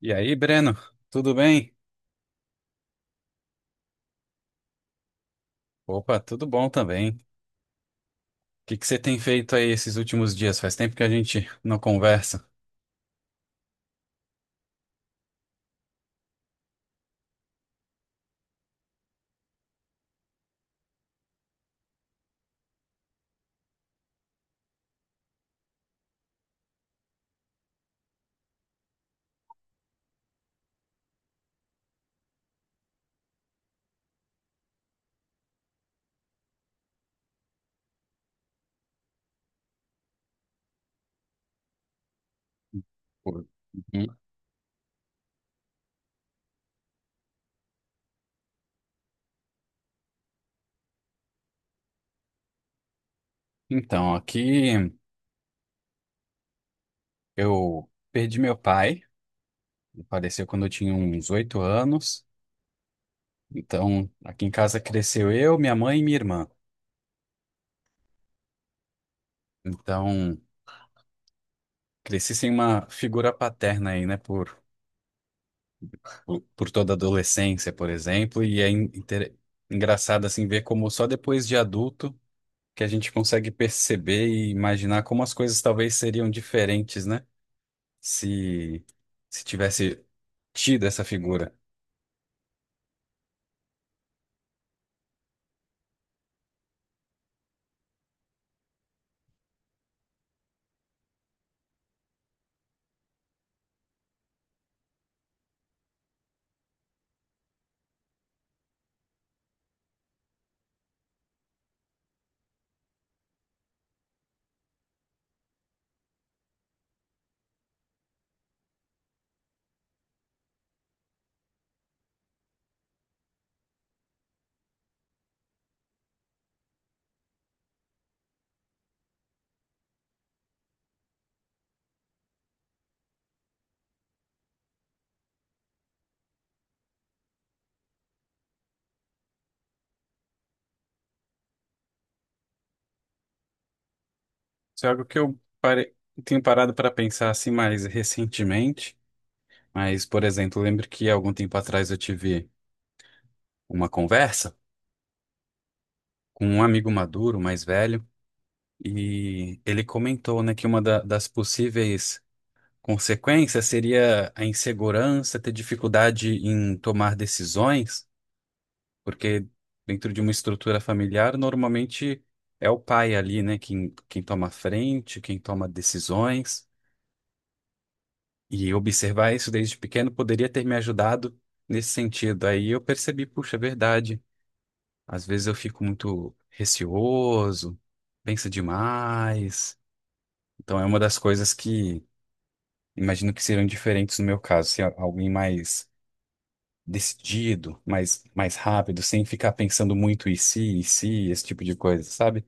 E aí, Breno, tudo bem? Opa, tudo bom também. O que você tem feito aí esses últimos dias? Faz tempo que a gente não conversa. Uhum. Então, aqui eu perdi meu pai, ele faleceu quando eu tinha uns oito anos. Então, aqui em casa cresceu eu, minha mãe e minha irmã. Então, cresci sem uma figura paterna aí, né, por toda a adolescência, por exemplo, e é engraçado assim ver como só depois de adulto que a gente consegue perceber e imaginar como as coisas talvez seriam diferentes, né? Se, Se tivesse tido essa figura. Isso é algo que eu tenho parado para pensar assim mais recentemente. Mas, por exemplo, eu lembro que algum tempo atrás eu tive uma conversa com um amigo maduro, mais velho, e ele comentou, né, que das possíveis consequências seria a insegurança, ter dificuldade em tomar decisões. Porque dentro de uma estrutura familiar, normalmente é o pai ali, né? Quem toma a frente, quem toma decisões. E observar isso desde pequeno poderia ter me ajudado nesse sentido. Aí eu percebi, puxa, é verdade. Às vezes eu fico muito receoso, penso demais. Então é uma das coisas que imagino que seriam diferentes no meu caso, ser alguém mais decidido, mais rápido, sem ficar pensando muito e se, esse tipo de coisa, sabe?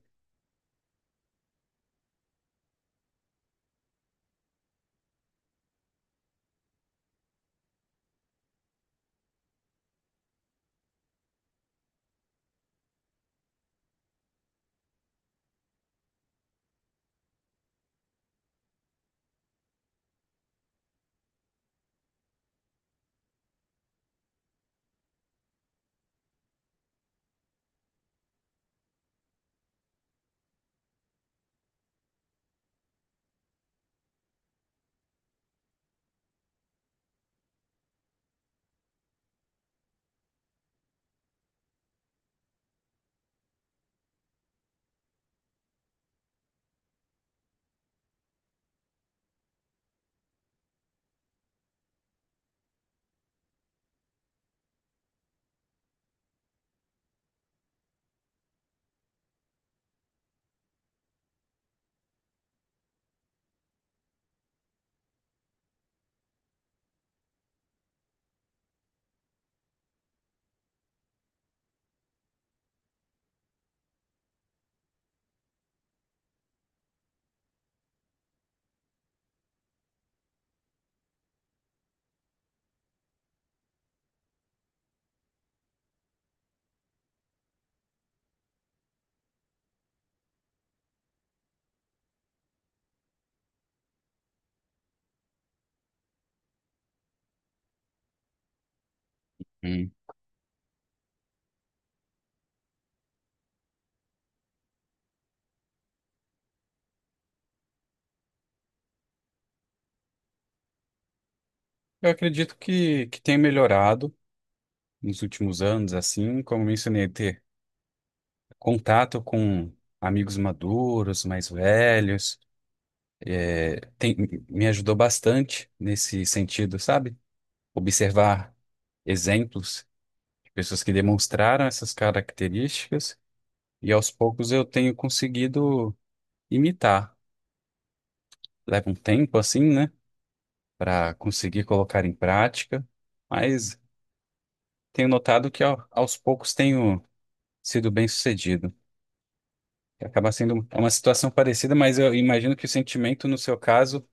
Eu acredito que tem melhorado nos últimos anos, assim, como eu mencionei, ter contato com amigos maduros, mais velhos, tem- me ajudou bastante nesse sentido, sabe? Observar exemplos de pessoas que demonstraram essas características e aos poucos eu tenho conseguido imitar. Leva um tempo, assim, né, para conseguir colocar em prática, mas tenho notado que aos poucos tenho sido bem-sucedido. Acaba sendo um, é uma situação parecida, mas eu imagino que o sentimento, no seu caso,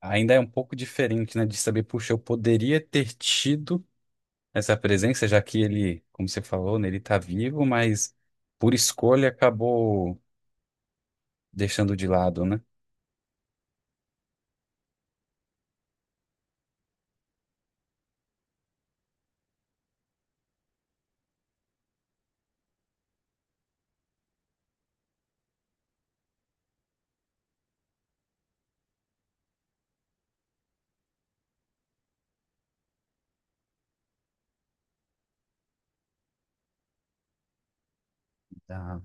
ainda é um pouco diferente, né? De saber, puxa, eu poderia ter tido essa presença, já que ele, como você falou, né, ele está vivo, mas por escolha acabou deixando de lado, né? Tá.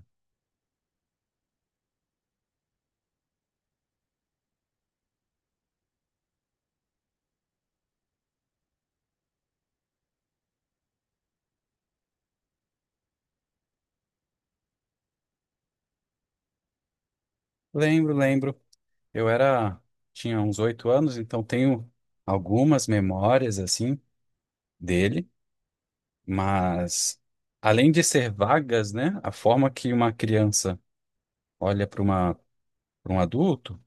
Lembro, lembro. Eu era, tinha uns oito anos, então tenho algumas memórias assim dele, mas além de ser vagas, né, a forma que uma criança olha para uma para um adulto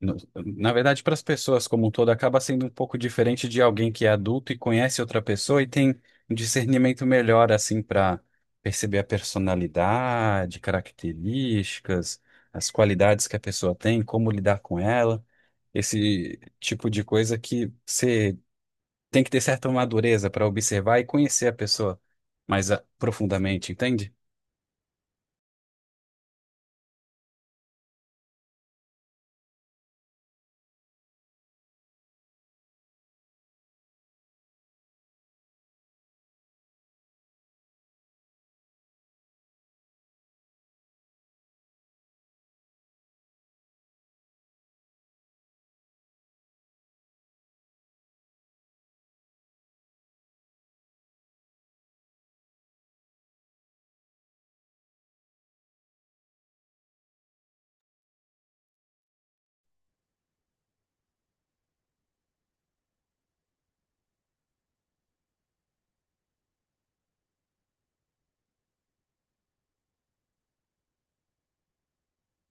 no- na verdade, para as pessoas como um todo, acaba sendo um pouco diferente de alguém que é adulto e conhece outra pessoa e tem um discernimento melhor, assim, para perceber a personalidade, características, as qualidades que a pessoa tem, como lidar com ela, esse tipo de coisa que você tem que ter certa madureza para observar e conhecer a pessoa mais ah, profundamente, entende?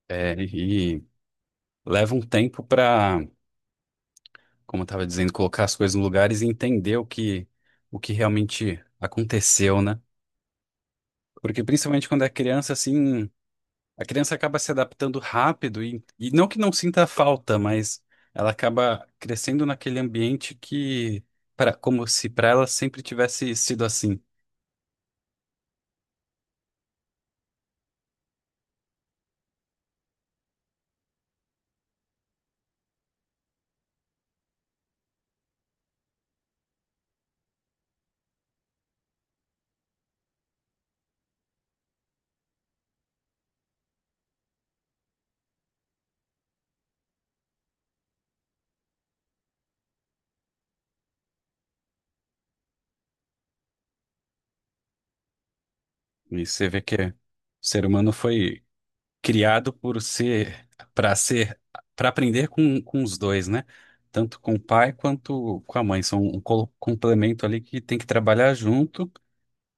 É, e leva um tempo para. Como eu estava dizendo, colocar as coisas nos lugares e entender o que realmente aconteceu, né? Porque principalmente quando é criança, assim, a criança acaba se adaptando rápido e não que não sinta falta, mas ela acaba crescendo naquele ambiente que, para, como se para ela sempre tivesse sido assim. E você vê que o ser humano foi criado por ser para ser para aprender com os dois, né? Tanto com o pai quanto com a mãe. São um complemento ali que tem que trabalhar junto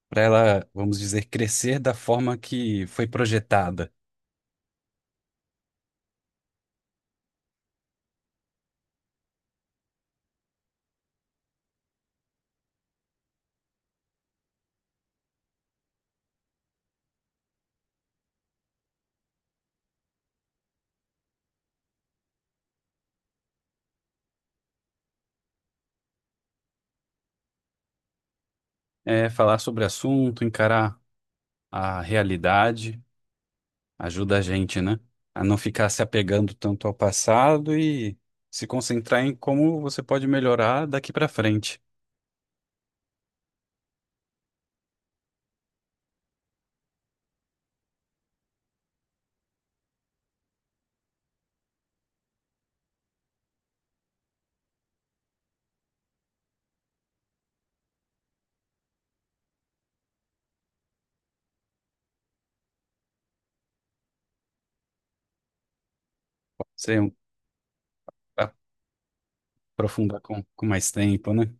para ela, vamos dizer, crescer da forma que foi projetada. É, falar sobre assunto, encarar a realidade, ajuda a gente, né? A não ficar se apegando tanto ao passado e se concentrar em como você pode melhorar daqui para frente. Você aprofundar com mais tempo, né?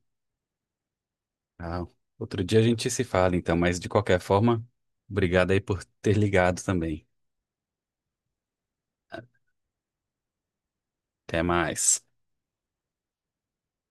Ah, outro dia a gente se fala, então, mas de qualquer forma, obrigado aí por ter ligado também. Até mais.